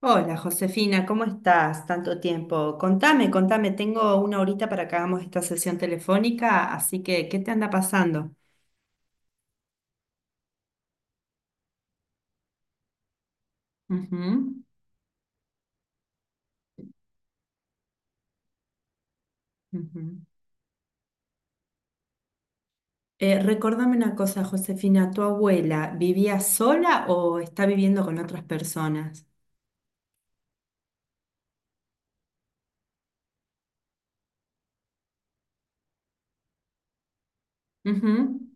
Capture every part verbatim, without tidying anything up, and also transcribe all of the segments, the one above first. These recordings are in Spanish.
Hola Josefina, ¿cómo estás? Tanto tiempo. Contame, contame, tengo una horita para que hagamos esta sesión telefónica, así que, ¿qué te anda pasando? Ujú, ujú. Eh, recordame una cosa, Josefina, ¿tu abuela vivía sola o está viviendo con otras personas? Ujú,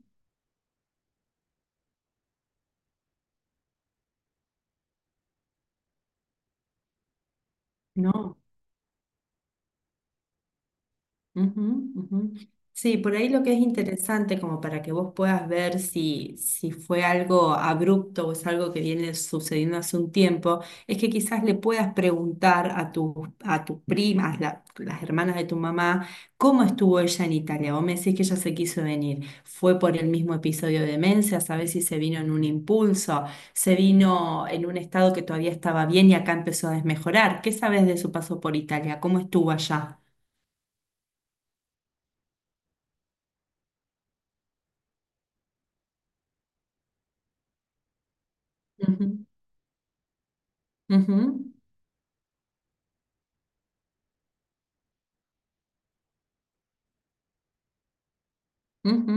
no. Ujú, ujú. Sí, por ahí lo que es interesante, como para que vos puedas ver si, si fue algo abrupto o es algo que viene sucediendo hace un tiempo, es que quizás le puedas preguntar a tu, a tus primas, la- las hermanas de tu mamá, cómo estuvo ella en Italia. Vos me decís que ella se quiso venir. ¿Fue por el mismo episodio de demencia? ¿Sabés si se vino en un impulso? ¿Se vino en un estado que todavía estaba bien y acá empezó a desmejorar? ¿Qué sabes de su paso por Italia? ¿Cómo estuvo allá? Ujú, ujú,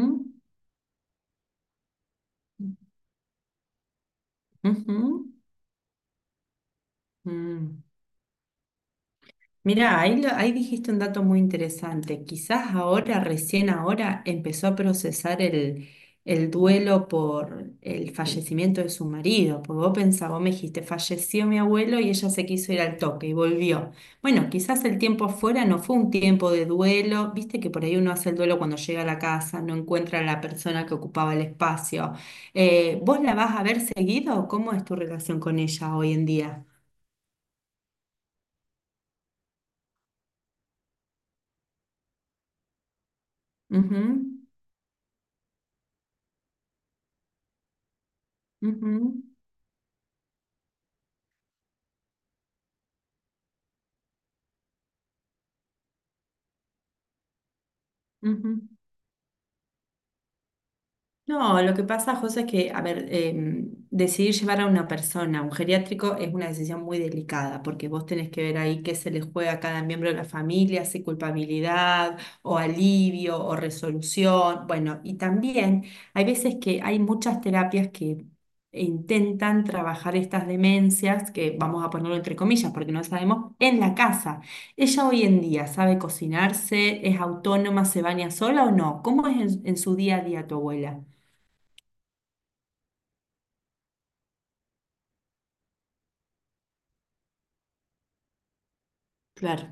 ujú, mm. Mirá, ahí, lo- ahí dijiste un dato muy interesante. Quizás ahora, recién ahora, empezó a procesar el, el duelo por el fallecimiento de su marido. Porque vos pensás, vos me dijiste, falleció mi abuelo y ella se quiso ir al toque y volvió. Bueno, quizás el tiempo afuera no fue un tiempo de duelo. Viste que por ahí uno hace el duelo cuando llega a la casa, no encuentra a la persona que ocupaba el espacio. Eh, ¿vos la vas a ver seguido? ¿Cómo es tu relación con ella hoy en día? Ujú, ujú, ujú. No, lo que pasa, José, es que, a ver, eh, decidir llevar a una persona a un geriátrico es una decisión muy delicada, porque vos tenés que ver ahí qué se le juega a cada miembro de la familia, si culpabilidad o alivio o resolución. Bueno, y también hay veces que hay muchas terapias que intentan trabajar estas demencias, que vamos a ponerlo entre comillas, porque no sabemos, en la casa. ¿Ella hoy en día sabe cocinarse, es autónoma, se baña sola o no? ¿Cómo es en en su día a día tu abuela? Claro,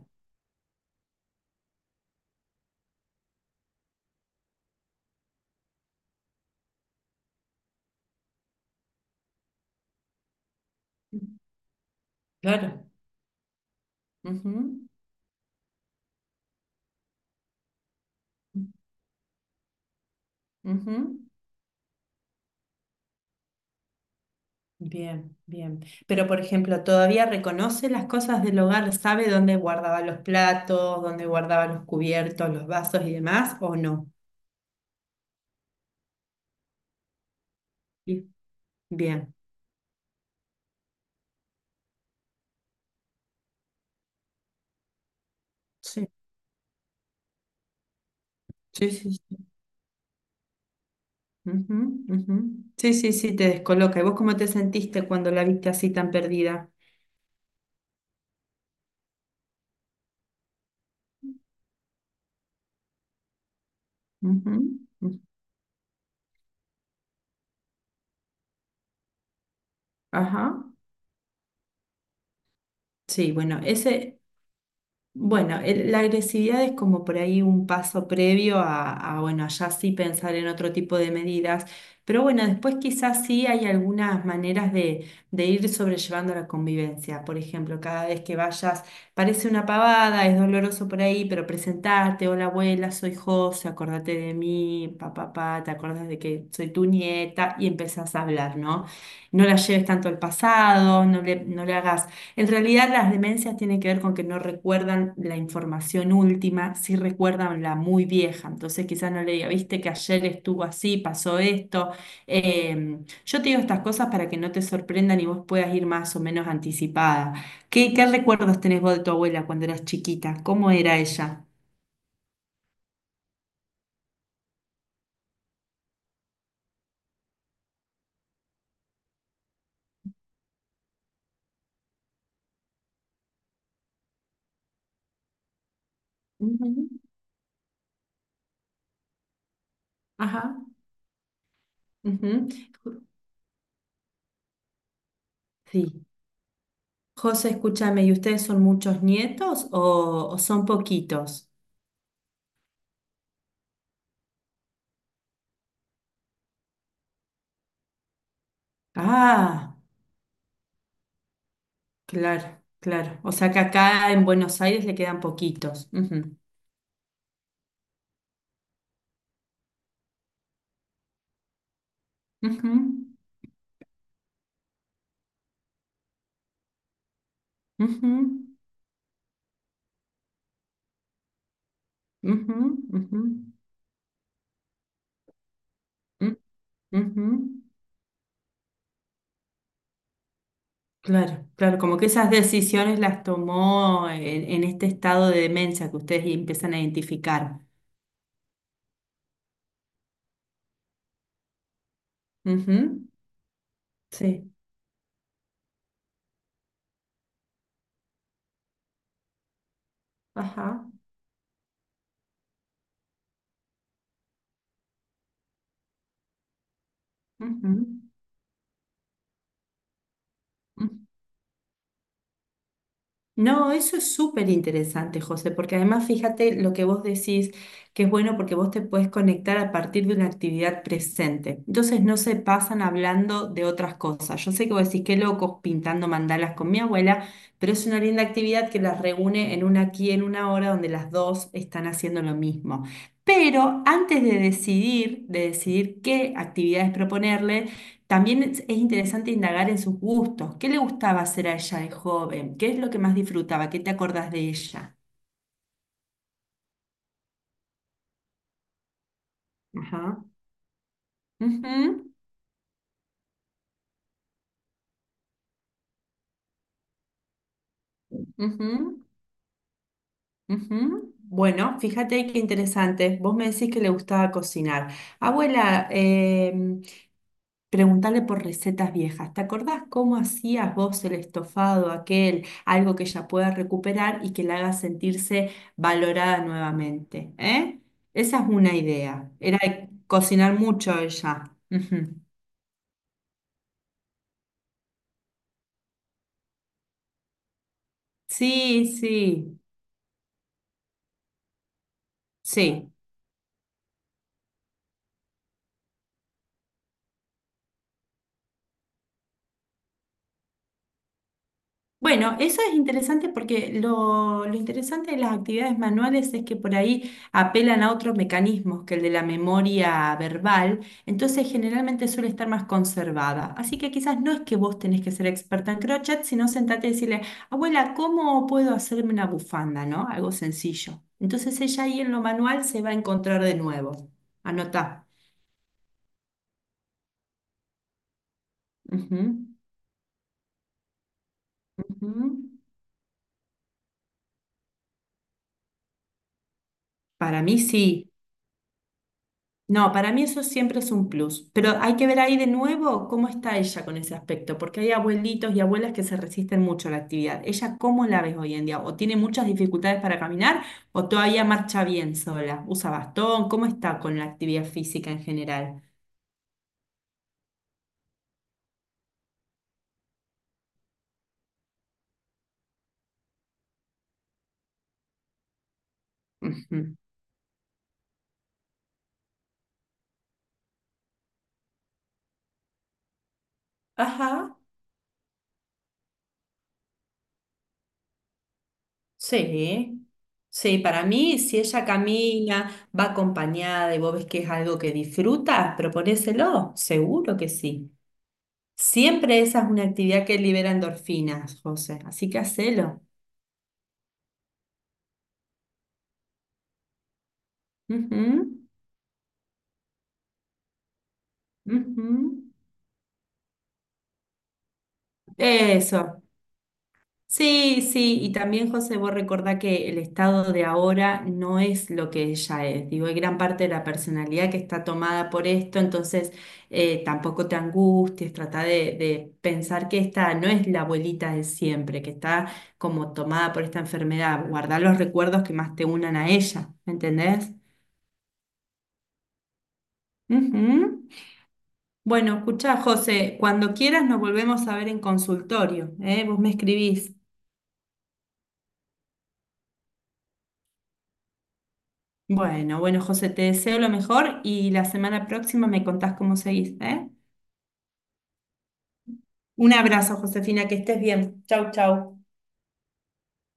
claro. Ujú, ujú. Bien, bien. Pero, por ejemplo, todavía reconoce las cosas del hogar, sabe dónde guardaba los platos, dónde guardaba los cubiertos, los vasos y demás, ¿o no? Sí. Bien. Sí, sí, sí. Sí, ujú, ujú. Sí, sí, sí, te descoloca. ¿Y vos cómo te sentiste cuando la viste así tan perdida? Ujú, ujú. Ajá. Sí, bueno, ese... Bueno, el- la agresividad es como por ahí un paso previo a, a, bueno, ya sí pensar en otro tipo de medidas, pero bueno, después quizás sí hay algunas maneras de, de ir sobrellevando la convivencia. Por ejemplo, cada vez que vayas, parece una pavada, es doloroso por ahí, pero presentarte, hola abuela, soy José, acordate de mí, papá, papá, te acordás de que soy tu nieta y empezás a hablar, ¿no? No la lleves tanto al pasado, no le, no le hagas en realidad las demencias tienen que ver con que no recuerdan la información última, sí recuerdan la muy vieja. Entonces quizás no le diga, viste que ayer estuvo así, pasó esto. Eh, yo te digo estas cosas para que no te sorprendan y vos puedas ir más o menos anticipada. ¿Qué, qué recuerdos tenés vos de tu abuela cuando eras chiquita? ¿Cómo era ella? Ujú, ajá, ujú. Ju- Sí. José, escúchame, ¿y ustedes son muchos nietos o, o son poquitos? Ah. Claro, claro. O sea que acá en Buenos Aires le quedan poquitos. Ujú, ujú, ujú, ujú, ujú, u- ujú. Claro, claro, como que esas decisiones las tomó en, en este estado de demencia que ustedes empiezan a identificar. Ujú, sí, ajá, ujú. No, eso es súper interesante, José, porque además fíjate lo que vos decís, que es bueno porque vos te puedes conectar a partir de una actividad presente. Entonces no se pasan hablando de otras cosas. Yo sé que vos decís qué locos pintando mandalas con mi abuela, pero es una linda actividad que las reúne en una aquí en una hora donde las dos están haciendo lo mismo. Pero antes de decidir, de decidir, qué actividades proponerles, también es es interesante indagar en sus gustos. ¿Qué le gustaba hacer a ella de joven? ¿Qué es lo que más disfrutaba? ¿Qué te acordás de ella? Ajá. Ujú, ujú, ujú. Bueno, fíjate qué interesante. Vos me decís que le gustaba cocinar. Abuela, preguntarle por recetas viejas. ¿Te acordás cómo hacías vos el estofado aquel? Algo que ella pueda recuperar y que la haga sentirse valorada nuevamente. ¿Eh? Esa es una idea. Era de cocinar mucho ella. Ujú. Sí, sí, sí. Bueno, eso es interesante porque lo, lo interesante de las actividades manuales es que por ahí apelan a otros mecanismos que el de la memoria verbal, entonces generalmente suele estar más conservada. Así que quizás no es que vos tenés que ser experta en crochet, sino sentate y decirle, abuela, ¿cómo puedo hacerme una bufanda? ¿No? Algo sencillo. Entonces ella ahí en lo manual se va a encontrar de nuevo. Anotá. Ujú, ujú. Para mí sí. No, para mí eso siempre es un plus, pero hay que ver ahí de nuevo cómo está ella con ese aspecto, porque hay abuelitos y abuelas que se resisten mucho a la actividad. ¿Ella cómo la ves hoy en día? ¿O tiene muchas dificultades para caminar o todavía marcha bien sola? ¿Usa bastón? ¿Cómo está con la actividad física en general? Ujú. Ajá, sí. Sí, para mí, si ella camina, va acompañada y vos ves que es algo que disfruta, proponéselo, seguro que sí. Siempre esa es una actividad que libera endorfinas, José, así que hacelo. Ujú, ujú. Eso. Sí, sí, y también José, vos recordá que el estado de ahora no es lo que ella es. Digo, hay gran parte de la personalidad que está tomada por esto, entonces eh, tampoco te angusties, trata de, de pensar que esta no es la abuelita de siempre, que está como tomada por esta enfermedad. Guardá los recuerdos que más te unan a ella, ¿me entendés? Ujú. Bueno, escuchá, José, cuando quieras nos volvemos a ver en consultorio, ¿eh? Vos me escribís. Bueno, bueno, José, te deseo lo mejor y la semana próxima me contás cómo seguís, ¿eh? Un abrazo, Josefina, que estés bien. Chau, chau.